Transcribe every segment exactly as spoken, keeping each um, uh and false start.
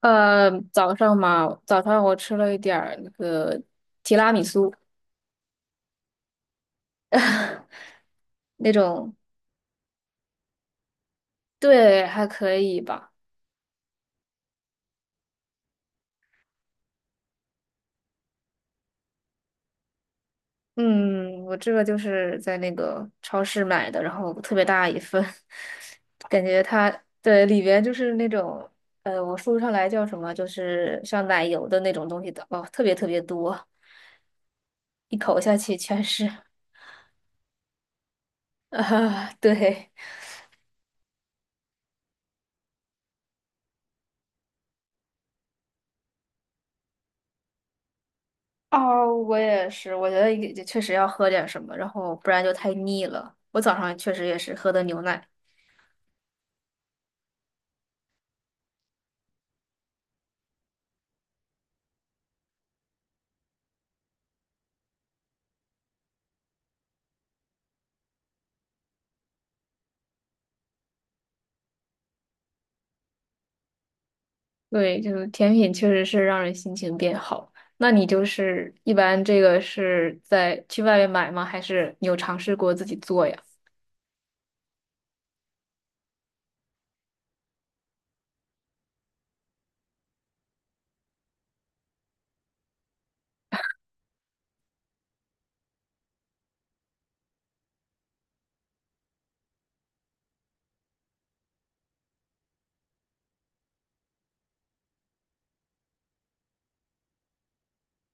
呃，早上嘛，早上我吃了一点儿那个提拉米苏。那种，对，还可以吧。嗯，我这个就是在那个超市买的，然后特别大一份，感觉它对里边就是那种，呃，我说不上来叫什么，就是像奶油的那种东西的，哦，特别特别多，一口下去全是，啊，对。哦，我也是，我觉得也也确实要喝点什么，然后不然就太腻了。我早上确实也是喝的牛奶。对，就是甜品确实是让人心情变好。那你就是一般这个是在去外面买吗？还是你有尝试过自己做呀？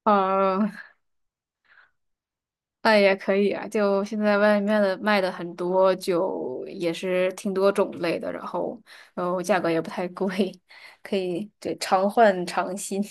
啊，那也可以啊。就现在外面的卖的很多，就也是挺多种类的，然后，然后价格也不太贵，可以，对，常换常新。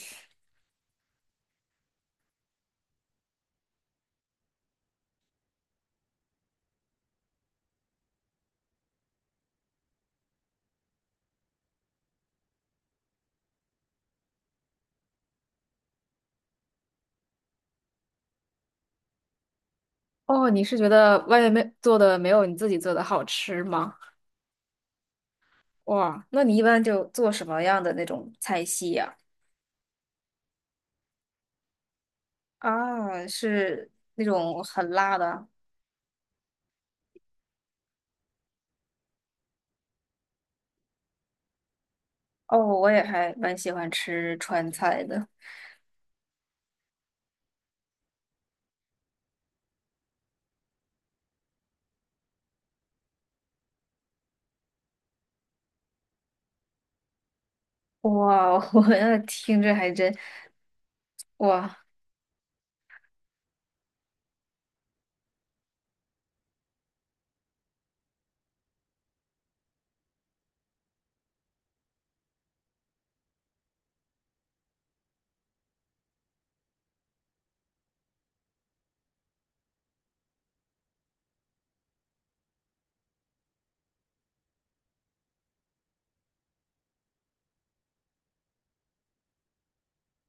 哦，你是觉得外面没做的没有你自己做的好吃吗？哇，那你一般就做什么样的那种菜系呀？啊，是那种很辣的。哦，我也还蛮喜欢吃川菜的。哇，我那听着还真，哇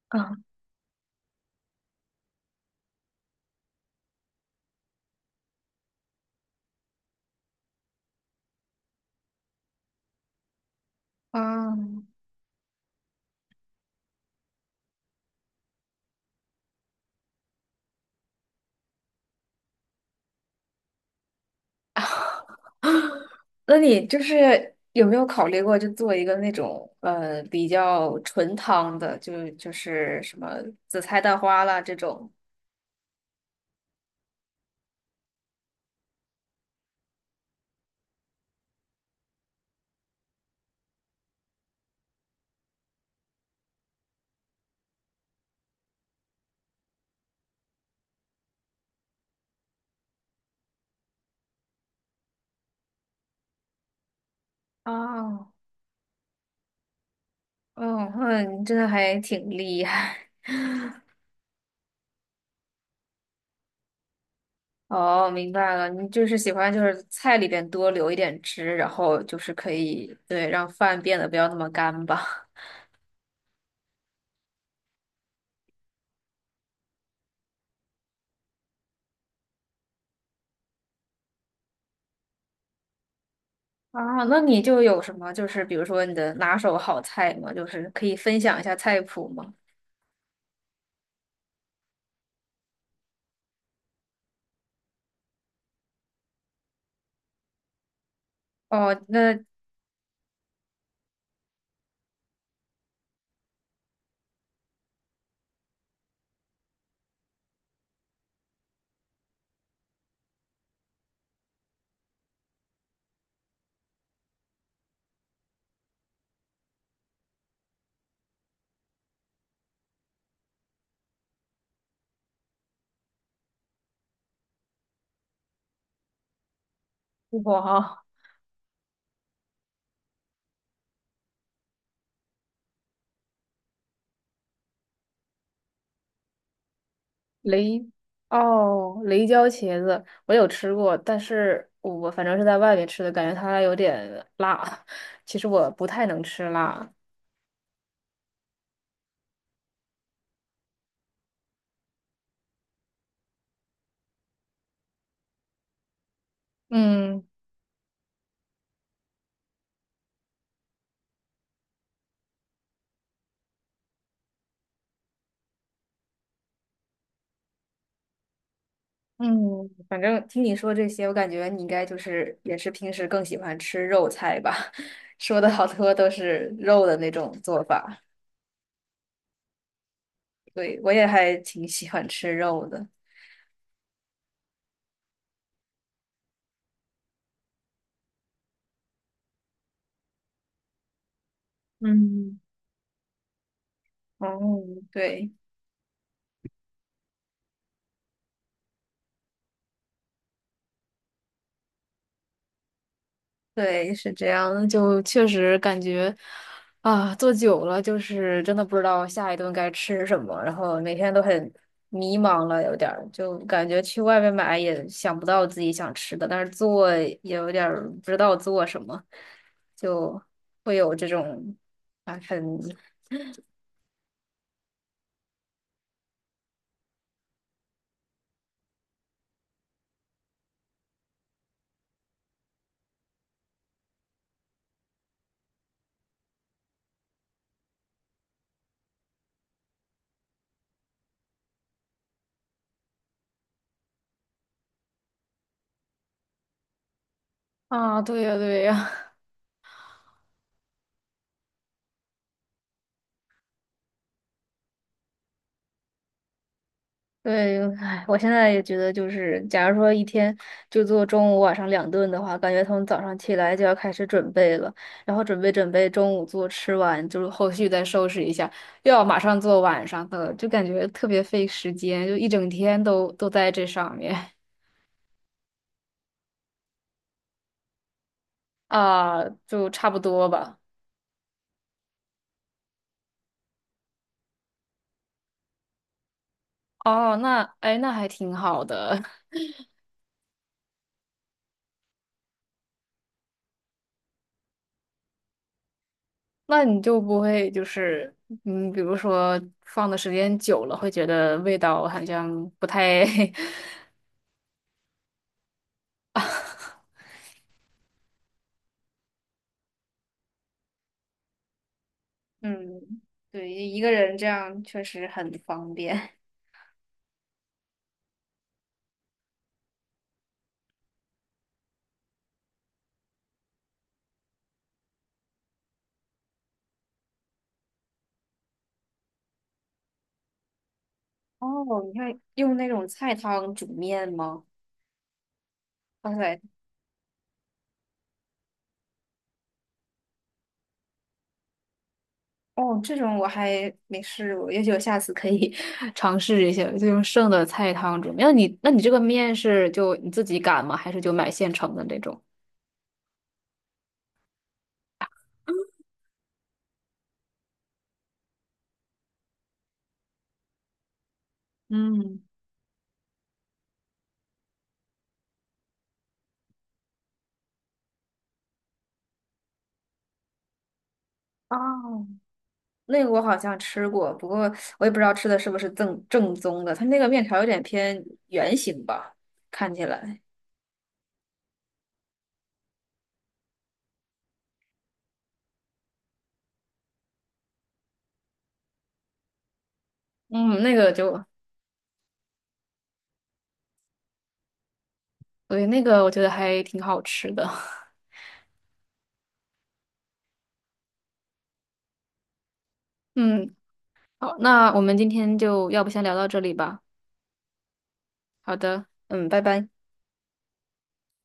啊啊！那你就是有没有考虑过，就做一个那种呃比较纯汤的，就就是什么紫菜蛋花啦这种？啊？哦，那你真的还挺厉害。哦，明白了，你就是喜欢就是菜里边多留一点汁，然后就是可以，对，让饭变得不要那么干吧。啊，那你就有什么就是比如说你的拿手好菜吗？就是可以分享一下菜谱吗？哦，那哇，雷，哦，雷椒茄子我有吃过，但是我反正是在外面吃的，感觉它有点辣。其实我不太能吃辣。嗯。嗯，反正听你说这些，我感觉你应该就是也是平时更喜欢吃肉菜吧？说的好多都是肉的那种做法。对，我也还挺喜欢吃肉的。嗯。哦。对。对，是这样的就确实感觉啊，坐久了就是真的不知道下一顿该吃什么，然后每天都很迷茫了，有点儿就感觉去外面买也想不到自己想吃的，但是做也有点儿不知道做什么，就会有这种啊很啊，对呀对呀。对，唉，我现在也觉得，就是假如说一天就做中午、晚上两顿的话，感觉从早上起来就要开始准备了，然后准备准备中午做，吃完就是后续再收拾一下，又要马上做晚上的，就感觉特别费时间，就一整天都都在这上面。啊，就差不多吧。哦，那哎，那还挺好的，那你就不会就是嗯，比如说放的时间久了，会觉得味道好像不太 嗯，对，一个人这样确实很方便。哦，你看用那种菜汤煮面吗？哇塞。哦，这种我还没试过，也许我下次可以 尝试一下，就用剩的菜汤煮面。那你那你这个面是就你自己擀吗？还是就买现成的那种？嗯。哦，那个我好像吃过，不过我也不知道吃的是不是正正宗的。它那个面条有点偏圆形吧，看起来。嗯，那个就对，那个我觉得还挺好吃的。嗯，好，那我们今天就要不先聊到这里吧。好的，嗯，拜拜。